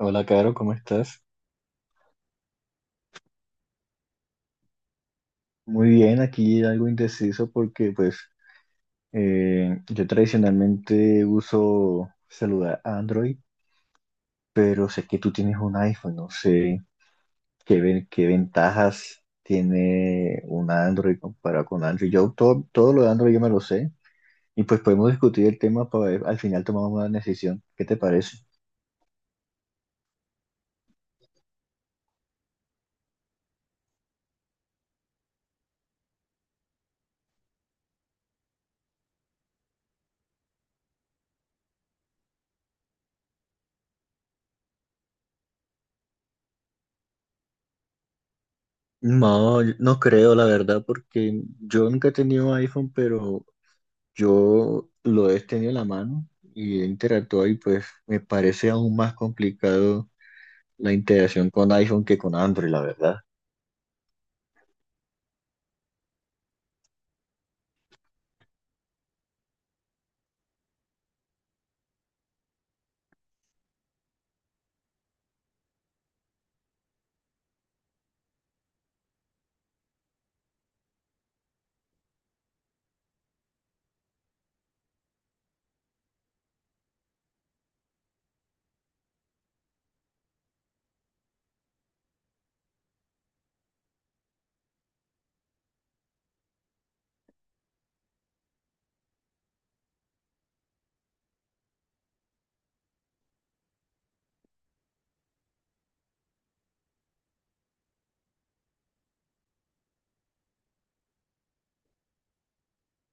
Hola, Caro, ¿cómo estás? Muy bien, aquí algo indeciso porque pues yo tradicionalmente uso celular Android, pero sé que tú tienes un iPhone, no sé qué, qué ventajas tiene un Android comparado con Android. Yo todo lo de Android yo me lo sé y pues podemos discutir el tema para ver, al final tomamos una decisión. ¿Qué te parece? No, yo no creo, la verdad, porque yo nunca he tenido iPhone, pero yo lo he tenido en la mano y he interactuado y pues me parece aún más complicado la integración con iPhone que con Android, la verdad.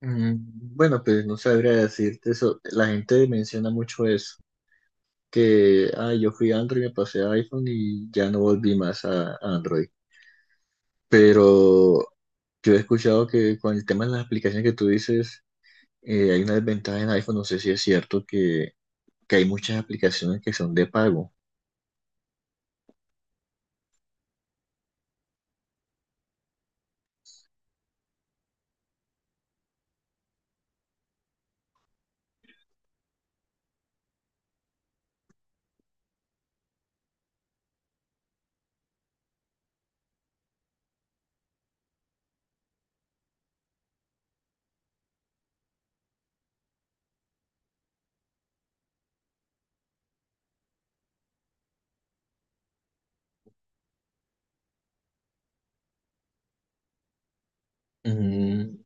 Mm. Bueno, pues no sabría decirte eso. La gente menciona mucho eso, que ah, yo fui a Android, me pasé a iPhone y ya no volví más a Android. Pero yo he escuchado que con el tema de las aplicaciones que tú dices, hay una desventaja en iPhone. No sé si es cierto que hay muchas aplicaciones que son de pago. Mm.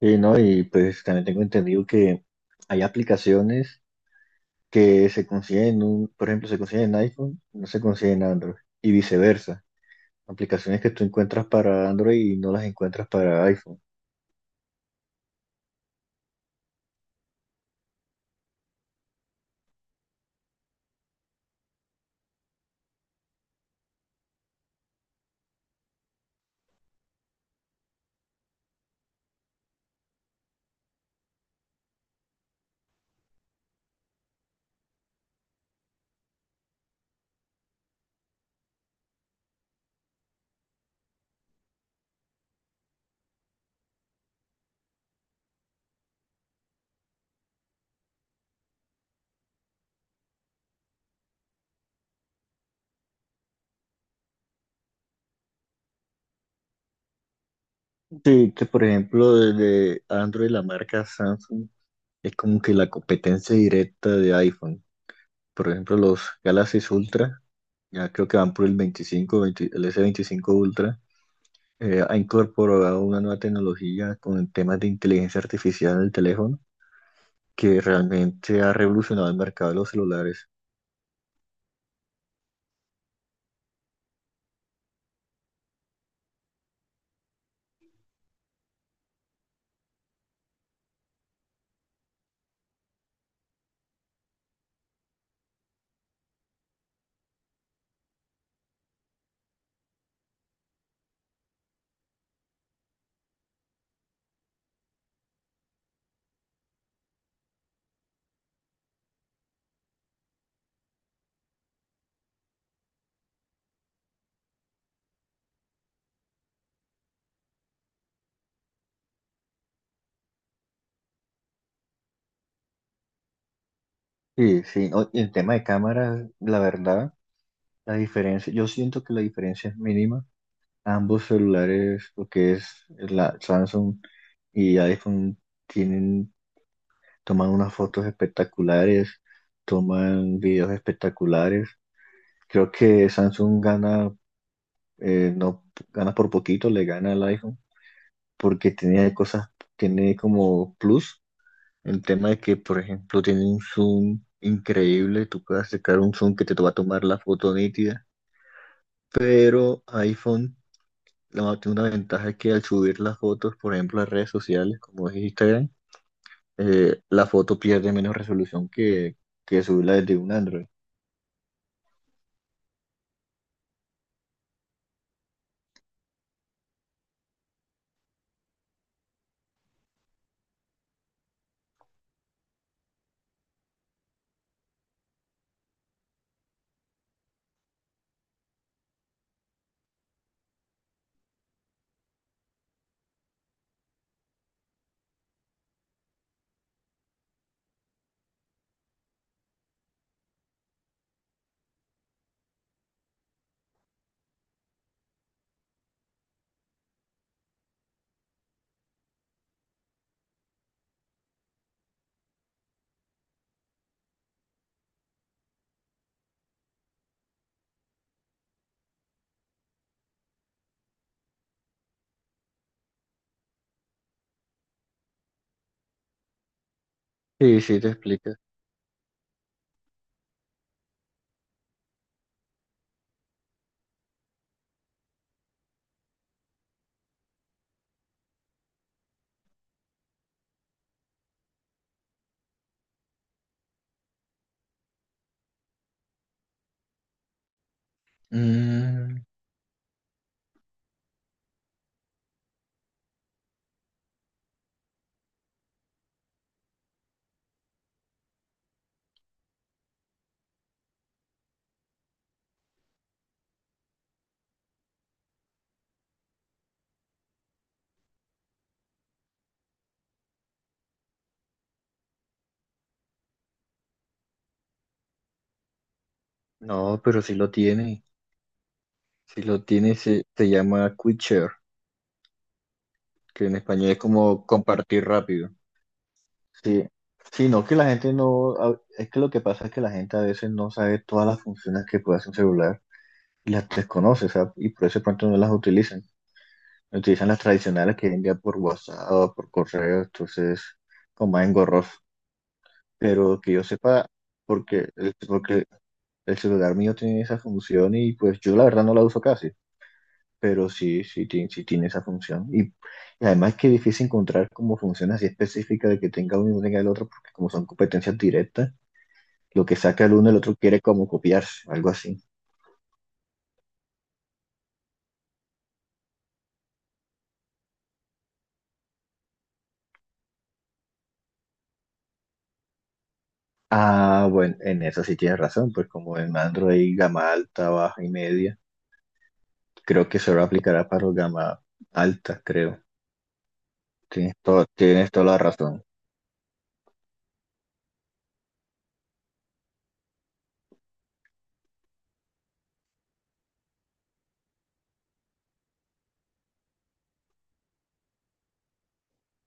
Sí, ¿no? Y pues también tengo entendido que hay aplicaciones que se consiguen, por ejemplo, se consiguen en iPhone, no se consiguen en Android, y viceversa. Aplicaciones que tú encuentras para Android y no las encuentras para iPhone. Sí, que por ejemplo, desde Android la marca Samsung es como que la competencia directa de iPhone. Por ejemplo, los Galaxy Ultra, ya creo que van por el 25 20 el S25 Ultra, ha incorporado una nueva tecnología con temas de inteligencia artificial en el teléfono que realmente ha revolucionado el mercado de los celulares. Sí, sí, no, y el tema de cámaras, la verdad, la diferencia, yo siento que la diferencia es mínima. Ambos celulares, lo que es la Samsung y iPhone, tienen, toman unas fotos espectaculares, toman videos espectaculares. Creo que Samsung gana, no gana por poquito, le gana al iPhone, porque tiene cosas, tiene como plus el tema de que, por ejemplo, tiene un zoom increíble, tú puedes sacar un zoom que te va a tomar la foto nítida, pero iPhone la, tiene una ventaja es que al subir las fotos, por ejemplo, a redes sociales como es Instagram, la foto pierde menos resolución que subirla desde un Android. Sí, sí, te explica. Mm, no, pero sí lo tiene, se llama Quick Share, que en español es como compartir rápido. Sí, sí, no que la gente no, es que lo que pasa es que la gente a veces no sabe todas las funciones que puede hacer un celular y las desconoce, o sea, y por eso de pronto no las utilizan. Utilizan las tradicionales que envían por WhatsApp o por correo, entonces como más engorroso. Pero que yo sepa, porque el celular mío tiene esa función y pues yo la verdad no la uso casi, pero sí, sí, sí tiene esa función. Y además que es difícil encontrar como funciones así específicas de que tenga uno y no tenga el otro, porque como son competencias directas lo que saca el uno, el otro quiere como copiarse, algo así. Ah, bueno, en eso sí tienes razón, pues como en Android gama alta, baja y media, creo que solo aplicará para los gama alta, creo. Tienes todo, tienes toda la razón.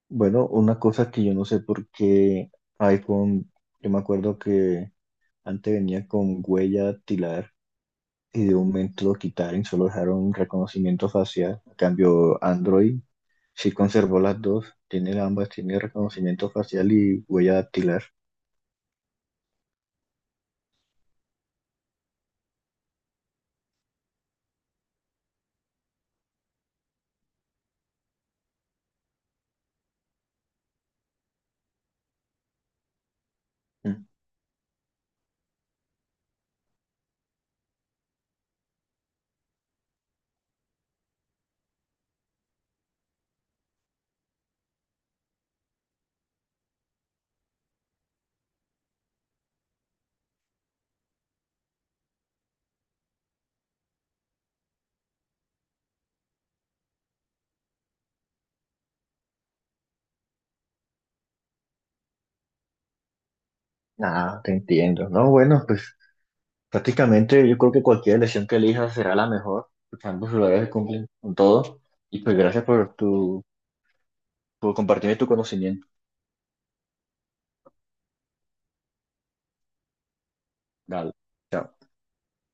Bueno, una cosa que yo no sé por qué iPhone, yo me acuerdo que antes venía con huella dactilar y de un momento lo quitaron, y solo dejaron reconocimiento facial. En cambio, Android sí conservó las dos, tiene ambas, tiene reconocimiento facial y huella dactilar. Nada, te entiendo. No, bueno, pues prácticamente yo creo que cualquier elección que elijas será la mejor, porque ambos lugares se cumplen con todo. Y pues gracias por tu, por compartirme tu conocimiento. Dale. Chao.